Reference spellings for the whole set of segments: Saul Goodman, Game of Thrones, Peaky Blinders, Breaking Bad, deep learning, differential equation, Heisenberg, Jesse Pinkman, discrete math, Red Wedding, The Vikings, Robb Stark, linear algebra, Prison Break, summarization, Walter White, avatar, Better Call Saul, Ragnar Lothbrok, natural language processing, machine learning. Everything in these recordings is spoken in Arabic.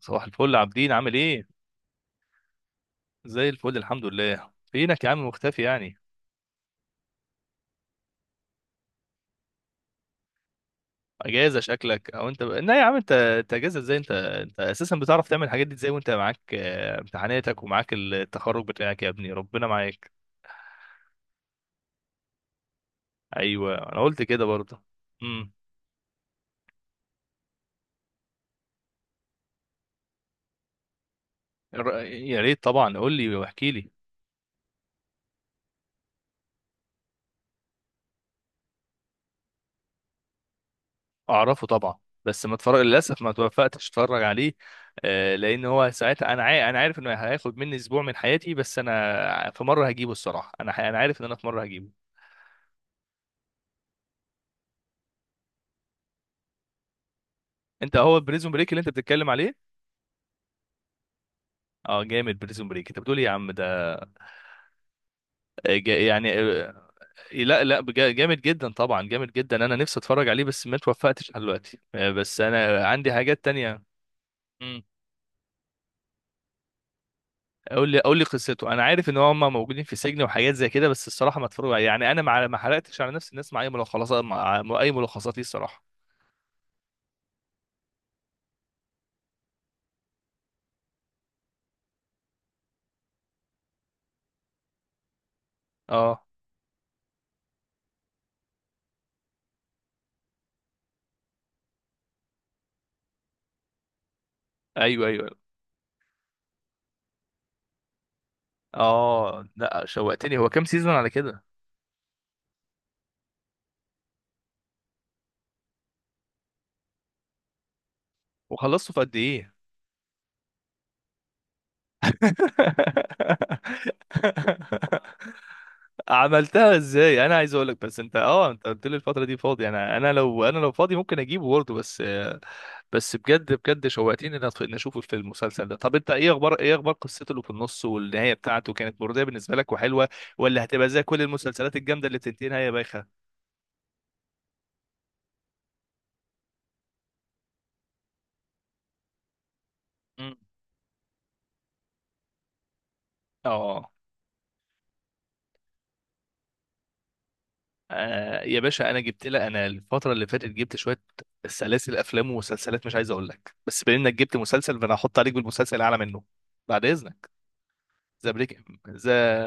صباح الفل عابدين، عامل ايه؟ زي الفل، الحمد لله. فينك يا عم، مختفي يعني؟ اجازه شكلك؟ لا يا عم، انت اجازه ازاي؟ انت اساسا بتعرف تعمل الحاجات دي ازاي وانت معاك امتحاناتك ومعاك التخرج بتاعك يا ابني؟ ربنا معاك. ايوه انا قلت كده برضه. امم. يا ريت طبعا، قول لي واحكي لي. اعرفه طبعا، بس ما اتفرج للاسف، ما توفقتش اتفرج عليه. لان هو ساعتها انا عارف انه هياخد مني اسبوع من حياتي، بس انا في مره هجيبه الصراحه، انا عارف ان انا في مره هجيبه. انت هو بريزون بريك اللي انت بتتكلم عليه؟ اه جامد، بريزون بريك انت بتقول ايه يا عم ده! آه، جا- يعني آه، لا لا، جامد جدا طبعا، جامد جدا، انا نفسي اتفرج عليه بس ما اتوفقتش لحد دلوقتي. بس انا عندي حاجات تانية. مم. قول لي قول لي قصته. انا عارف ان هم موجودين في سجن وحاجات زي كده، بس الصراحه ما اتفرج يعني، انا ما حرقتش على نفسي الناس مع اي ملخصات، مع اي ملخصات ليه الصراحه. اه. ايوه ايوه. اه لا، شوقتني. هو كام سيزون على كده؟ وخلصته في قد ايه؟ عملتها ازاي؟ انا عايز اقولك بس انت قلت لي الفتره دي فاضي، انا لو فاضي ممكن اجيبه برضه بس بجد بجد شوقتني ان اشوف في المسلسل ده. طب انت ايه اخبار، قصته اللي في النص والنهايه بتاعته كانت مرضيه بالنسبه لك وحلوه؟ ولا هتبقى زي كل المسلسلات الجامده اللي بتنتهي نهايه بايخه؟ مم. اه. يا باشا، انا الفتره اللي فاتت جبت شويه سلاسل افلام ومسلسلات، مش عايز اقول لك، بس بما انك جبت مسلسل فانا هحط عليك بالمسلسل اعلى منه. بعد اذنك. ذا بريك ذا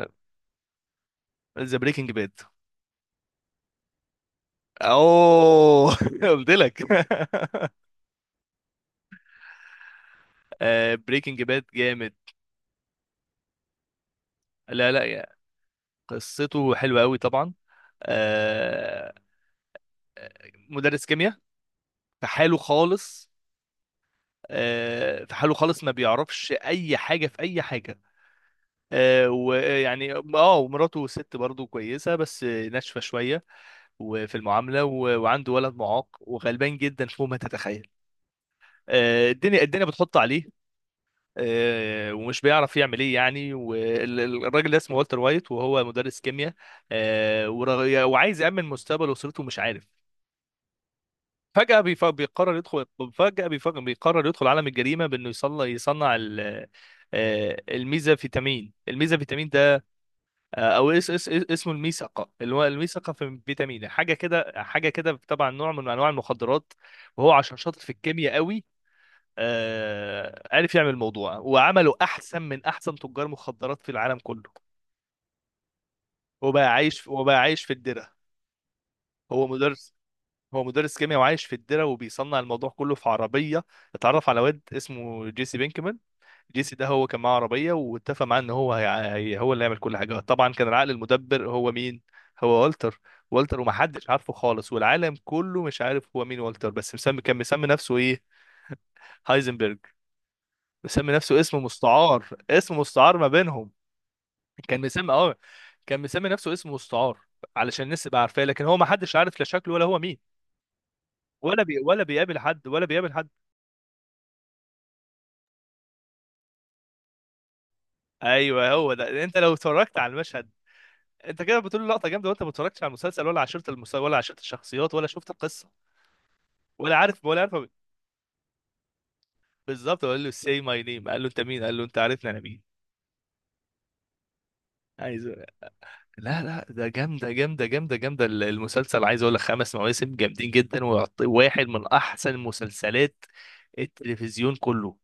ذا بريكنج باد. اوه قلت لك آه بريكنج باد جامد. لا لا يا، قصته حلوه قوي طبعا. آه. مدرس كيمياء في حاله خالص. في حاله خالص، ما بيعرفش اي حاجه في اي حاجه. ويعني ومراته ست برضه كويسه بس ناشفه شويه، وفي المعامله، وعنده ولد معاق وغلبان جدا فوق ما تتخيل. الدنيا بتحط عليه. ومش بيعرف يعمل ايه يعني. والراجل ده اسمه والتر وايت، وهو مدرس كيمياء. وعايز يأمن مستقبل اسرته، مش عارف. فجأة بيف- بيقرر يدخل بيقرر يدخل عالم الجريمة بأنه يصنع الميزا فيتامين. آه، او اس اس اس- اسمه الميثقه، اللي هو الميثقه في فيتامين، حاجه كده حاجه كده، طبعا نوع من انواع المخدرات. وهو عشان شاطر في الكيمياء قوي، عرف يعمل الموضوع، وعمله احسن من احسن تجار مخدرات في العالم كله. وبقى عايش في الدره. هو مدرس هو مدرس كيمياء، وعايش في الدره، وبيصنع الموضوع كله في عربيه. اتعرف على واد اسمه جيسي بينكمان. جيسي ده هو كان معاه عربية، واتفق معاه ان هو هو اللي يعمل كل حاجة. طبعا كان العقل المدبر هو مين؟ هو والتر. والتر ومحدش عارفه خالص، والعالم كله مش عارف هو مين والتر، بس مسمي نفسه ايه؟ هايزنبرج. مسمي نفسه اسم مستعار، اسم مستعار ما بينهم. كان مسمي اه كان مسمي نفسه اسم مستعار، علشان الناس تبقى عارفاه، لكن هو محدش عارف لا شكله ولا هو مين. ولا بيقابل حد، ولا بيقابل حد. ايوه هو ده. انت لو اتفرجت على المشهد، انت كده بتقول لقطه جامده وانت ما اتفرجتش على المسلسل، ولا عشرت المسلسل، ولا عشرت الشخصيات، ولا شفت القصه، ولا عارف ولا عارف. بالظبط، قال له سي ماي نيم، قال له انت مين؟ قال له انت عارفني انا مين. عايز أقول- لا لا، ده جامده جامده جامده جامده. المسلسل عايز اقول لك خمس مواسم جامدين جدا، ويعطي واحد من احسن مسلسلات التلفزيون كله.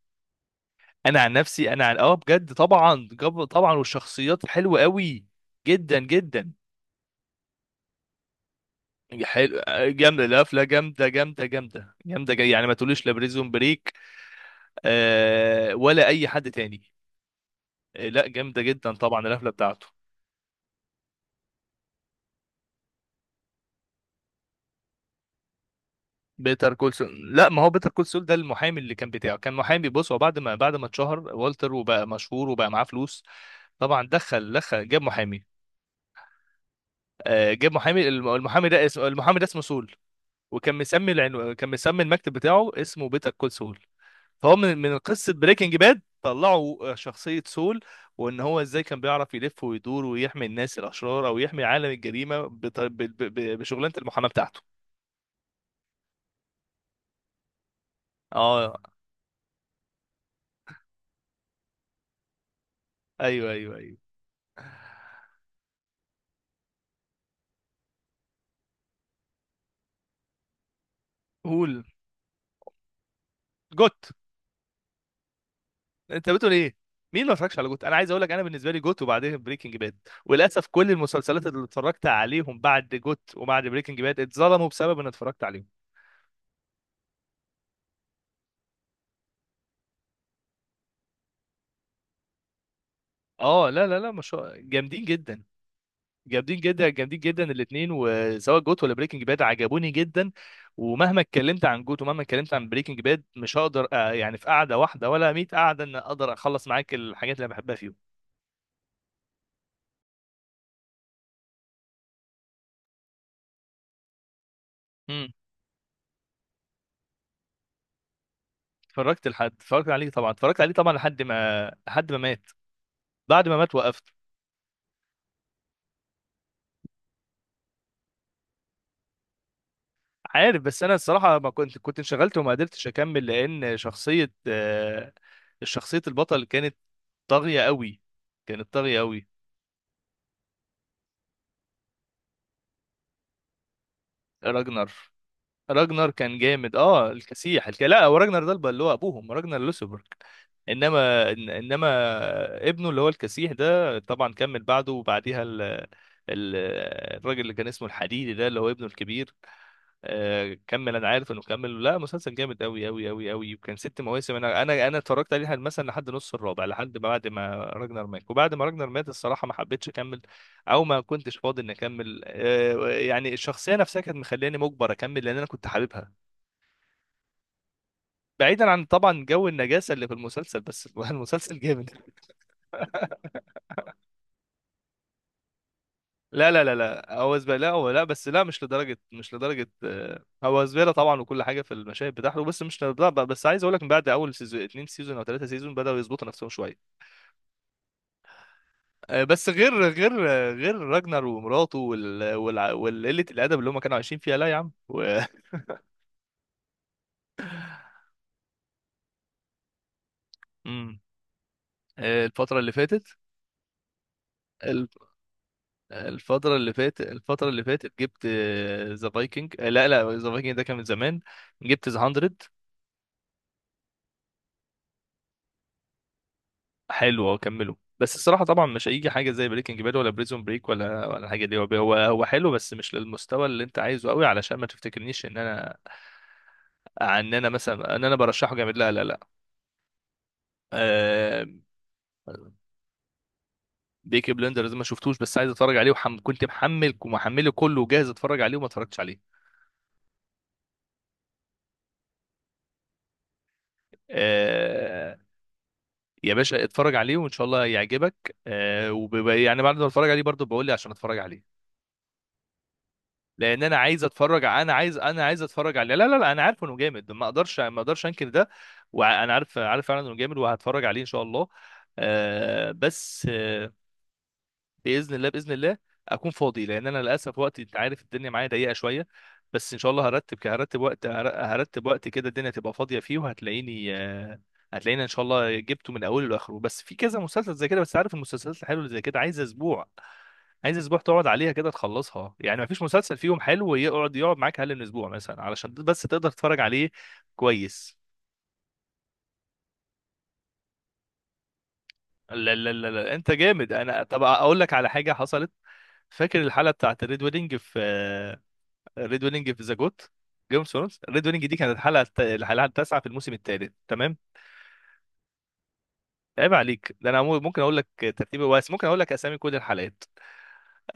انا عن نفسي، انا عن اه بجد طبعا، طبعا والشخصيات حلوه قوي جدا جدا. حلو. جامده القفله، جامده جامده جامده جامده، جاي يعني، ما تقوليش لا بريزون بريك ولا اي حد تاني. لا جامده جدا طبعا القفله بتاعته. بيتر كول سول؟ لا، ما هو بيتر كول سول ده المحامي اللي كان بتاعه، كان محامي. بص، هو بعد ما اتشهر والتر وبقى مشهور وبقى معاه فلوس، طبعا دخل جاب محامي. جاب محامي، المحامي ده اسمه، سول. كان مسمي المكتب بتاعه اسمه بيتر كول سول. فهو من قصه بريكنج باد طلعوا شخصيه سول، وان هو ازاي كان بيعرف يلف ويدور ويحمي الناس الاشرار او يحمي عالم الجريمه بشغلانه المحاماه بتاعته. اه ايوه ايوه ايوه. قول. جوت. انت بتقول ايه؟ مين ما اتفرجش على جوت! انا عايز اقول لك، انا بالنسبه لي جوت وبعدين بريكنج باد. وللاسف كل المسلسلات اللي اتفرجت عليهم بعد جوت وبعد بريكنج باد اتظلموا بسبب ان اتفرجت عليهم. اه لا لا لا، مش جامدين جدا، جامدين جدا جامدين جدا الاثنين، وسواء جوت ولا بريكنج باد عجبوني جدا. ومهما اتكلمت عن جوت ومهما اتكلمت عن بريكنج باد مش هقدر، يعني في قعده واحده ولا 100 قعده ان اقدر اخلص معاك الحاجات اللي أنا بحبها فيهم. امم. اتفرجت عليه طبعا، لحد ما مات. بعد ما مات وقفت. عارف، بس انا الصراحه ما كنت، كنت انشغلت وما قدرتش اكمل، لان شخصيه البطل كانت طاغيه قوي، كانت طاغيه قوي. راجنر. راجنر كان جامد الكسيح، لا، هو راجنر ده اللي هو ابوهم راجنر لوسبرج. انما ابنه اللي هو الكسيح ده طبعا كمل بعده، وبعديها ال... الراجل اللي كان اسمه الحديدي ده اللي هو ابنه الكبير. كمل. انا عارف انه كمل. لا، مسلسل جامد قوي قوي قوي قوي، وكان ست مواسم. انا اتفرجت عليه مثلا لحد نص الرابع، لحد ما بعد ما راجنر مات، وبعد ما راجنر مات الصراحه ما حبيتش اكمل، او ما كنتش فاضي اني اكمل. يعني الشخصيه نفسها كانت مخلياني مجبر اكمل، لان انا كنت حاببها. بعيدا عن طبعا جو النجاسه اللي في المسلسل، بس المسلسل جامد. لا لا لا لا، هو زباله، لا هو، لا بس، لا مش لدرجه، مش لدرجه. هو زباله طبعا، وكل حاجه في المشاهد بتاعته، بس مش لدرجه. بس عايز اقول لك من بعد اول سيزون، اتنين سيزون او ثلاثه سيزون، بداوا يظبطوا نفسهم شويه. بس غير راجنر ومراته، والقله الادب اللي هم كانوا عايشين فيها، لا يا عم و... مم. الفتره اللي فاتت الفترة اللي فاتت الفترة اللي فاتت جبت ذا فايكنج. لا لا، ذا فايكنج ده كان من زمان. جبت ذا 100. حلو أهو، كمله بس الصراحة طبعا مش هيجي حاجة زي بريكنج باد ولا بريزون بريك، ولا الحاجة دي، هو حلو بس مش للمستوى اللي انت عايزه قوي، علشان ما تفتكرنيش ان انا برشحه جامد، لا لا لا. آه، بيكي بلندرز ما شفتوش، بس عايز اتفرج عليه. كنت محمل ومحمله كله وجاهز اتفرج عليه، وما اتفرجتش عليه. آه، يا باشا اتفرج عليه، وان شاء الله يعجبك. يعني بعد ما اتفرج عليه برضه بقول لي عشان اتفرج عليه، لان انا عايز اتفرج عليه. لا لا لا، انا عارف انه جامد، ما اقدرش ما اقدرش انكر ده. وانا عارف، عارف فعلا انه جامد، وهتفرج عليه ان شاء الله. بس باذن الله، باذن الله اكون فاضي، لان انا للاسف وقتي انت عارف الدنيا معايا ضيقه شويه. بس ان شاء الله هرتب ك- هرتب وقت هر- هرتب وقت كده الدنيا تبقى فاضيه فيه، وهتلاقيني. هتلاقيني ان شاء الله جبته من اوله لاخره. بس في كذا مسلسل زي كده، بس عارف المسلسلات الحلوه اللي زي كده عايزه اسبوع، عايزه اسبوع تقعد عليها كده تخلصها يعني، ما فيش مسلسل فيهم حلو يقعد معاك اقل من اسبوع مثلا علشان بس تقدر تتفرج عليه كويس. لا لا لا لا، انت جامد. انا، طب اقول لك على حاجه حصلت. فاكر الحلقه بتاعت الريد ويدنج في ريد ويدنج في ذا جوت؟ جيم اوف ثرونز، ريد ويدنج دي كانت الحلقه التاسعه في الموسم الثالث، تمام. عيب عليك، ده انا ممكن اقول لك ترتيبه، بس ممكن اقول لك اسامي كل الحلقات.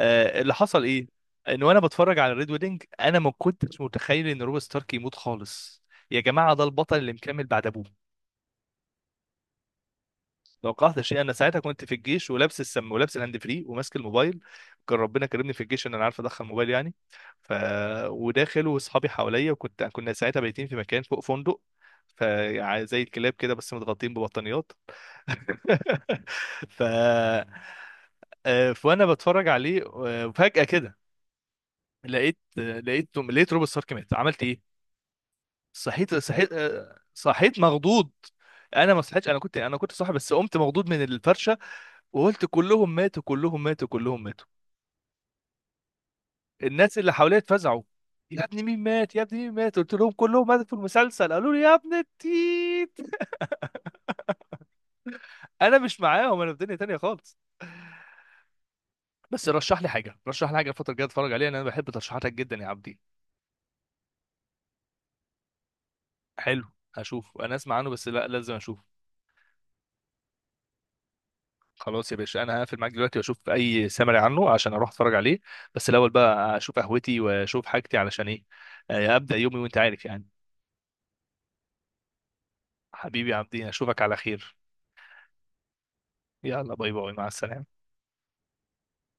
آه، اللي حصل ايه، ان وانا بتفرج على الريد ويدنج انا ما كنتش متخيل ان روب ستارك يموت خالص. يا جماعه ده البطل اللي مكمل بعد ابوه! توقعت شيء. انا ساعتها كنت في الجيش، ولابس السم، ولابس الهاند فري، وماسك الموبايل. كان ربنا كرمني في الجيش ان انا عارف ادخل موبايل يعني. ف، وداخل واصحابي حواليا، وكنت، كنا ساعتها بايتين في مكان فوق فندق. ف يعني زي الكلاب كده، بس متغطين ببطانيات. ف فانا بتفرج عليه، فجأة كده لقيت آه، لقيت لقيت روب ستارك مات. عملت ايه؟ صحيت مخضوض. انا ما صحيتش، انا كنت صاحي، بس قمت مخضوض من الفرشه، وقلت كلهم ماتوا، كلهم ماتوا، كلهم ماتوا. الناس اللي حواليا اتفزعوا، يا ابني مين مات، يا ابني مين مات، قلت لهم كلهم ماتوا في المسلسل، قالوا لي يا ابن التيت. انا مش معاهم، انا في دنيا تانية خالص. بس رشح لي حاجه، رشح لي حاجه الفتره الجايه اتفرج عليها، لان انا بحب ترشيحاتك جدا يا عبدي. حلو. هشوف. انا اسمع عنه بس، لا لازم اشوف. خلاص يا باشا، انا هقفل معاك دلوقتي واشوف اي سمري عنه عشان اروح اتفرج عليه، بس الاول بقى اشوف قهوتي واشوف حاجتي، علشان ايه؟ ابدا يومي، وانت عارف يعني. حبيبي يا عبدي، اشوفك على خير. يلا باي باي، مع السلامة.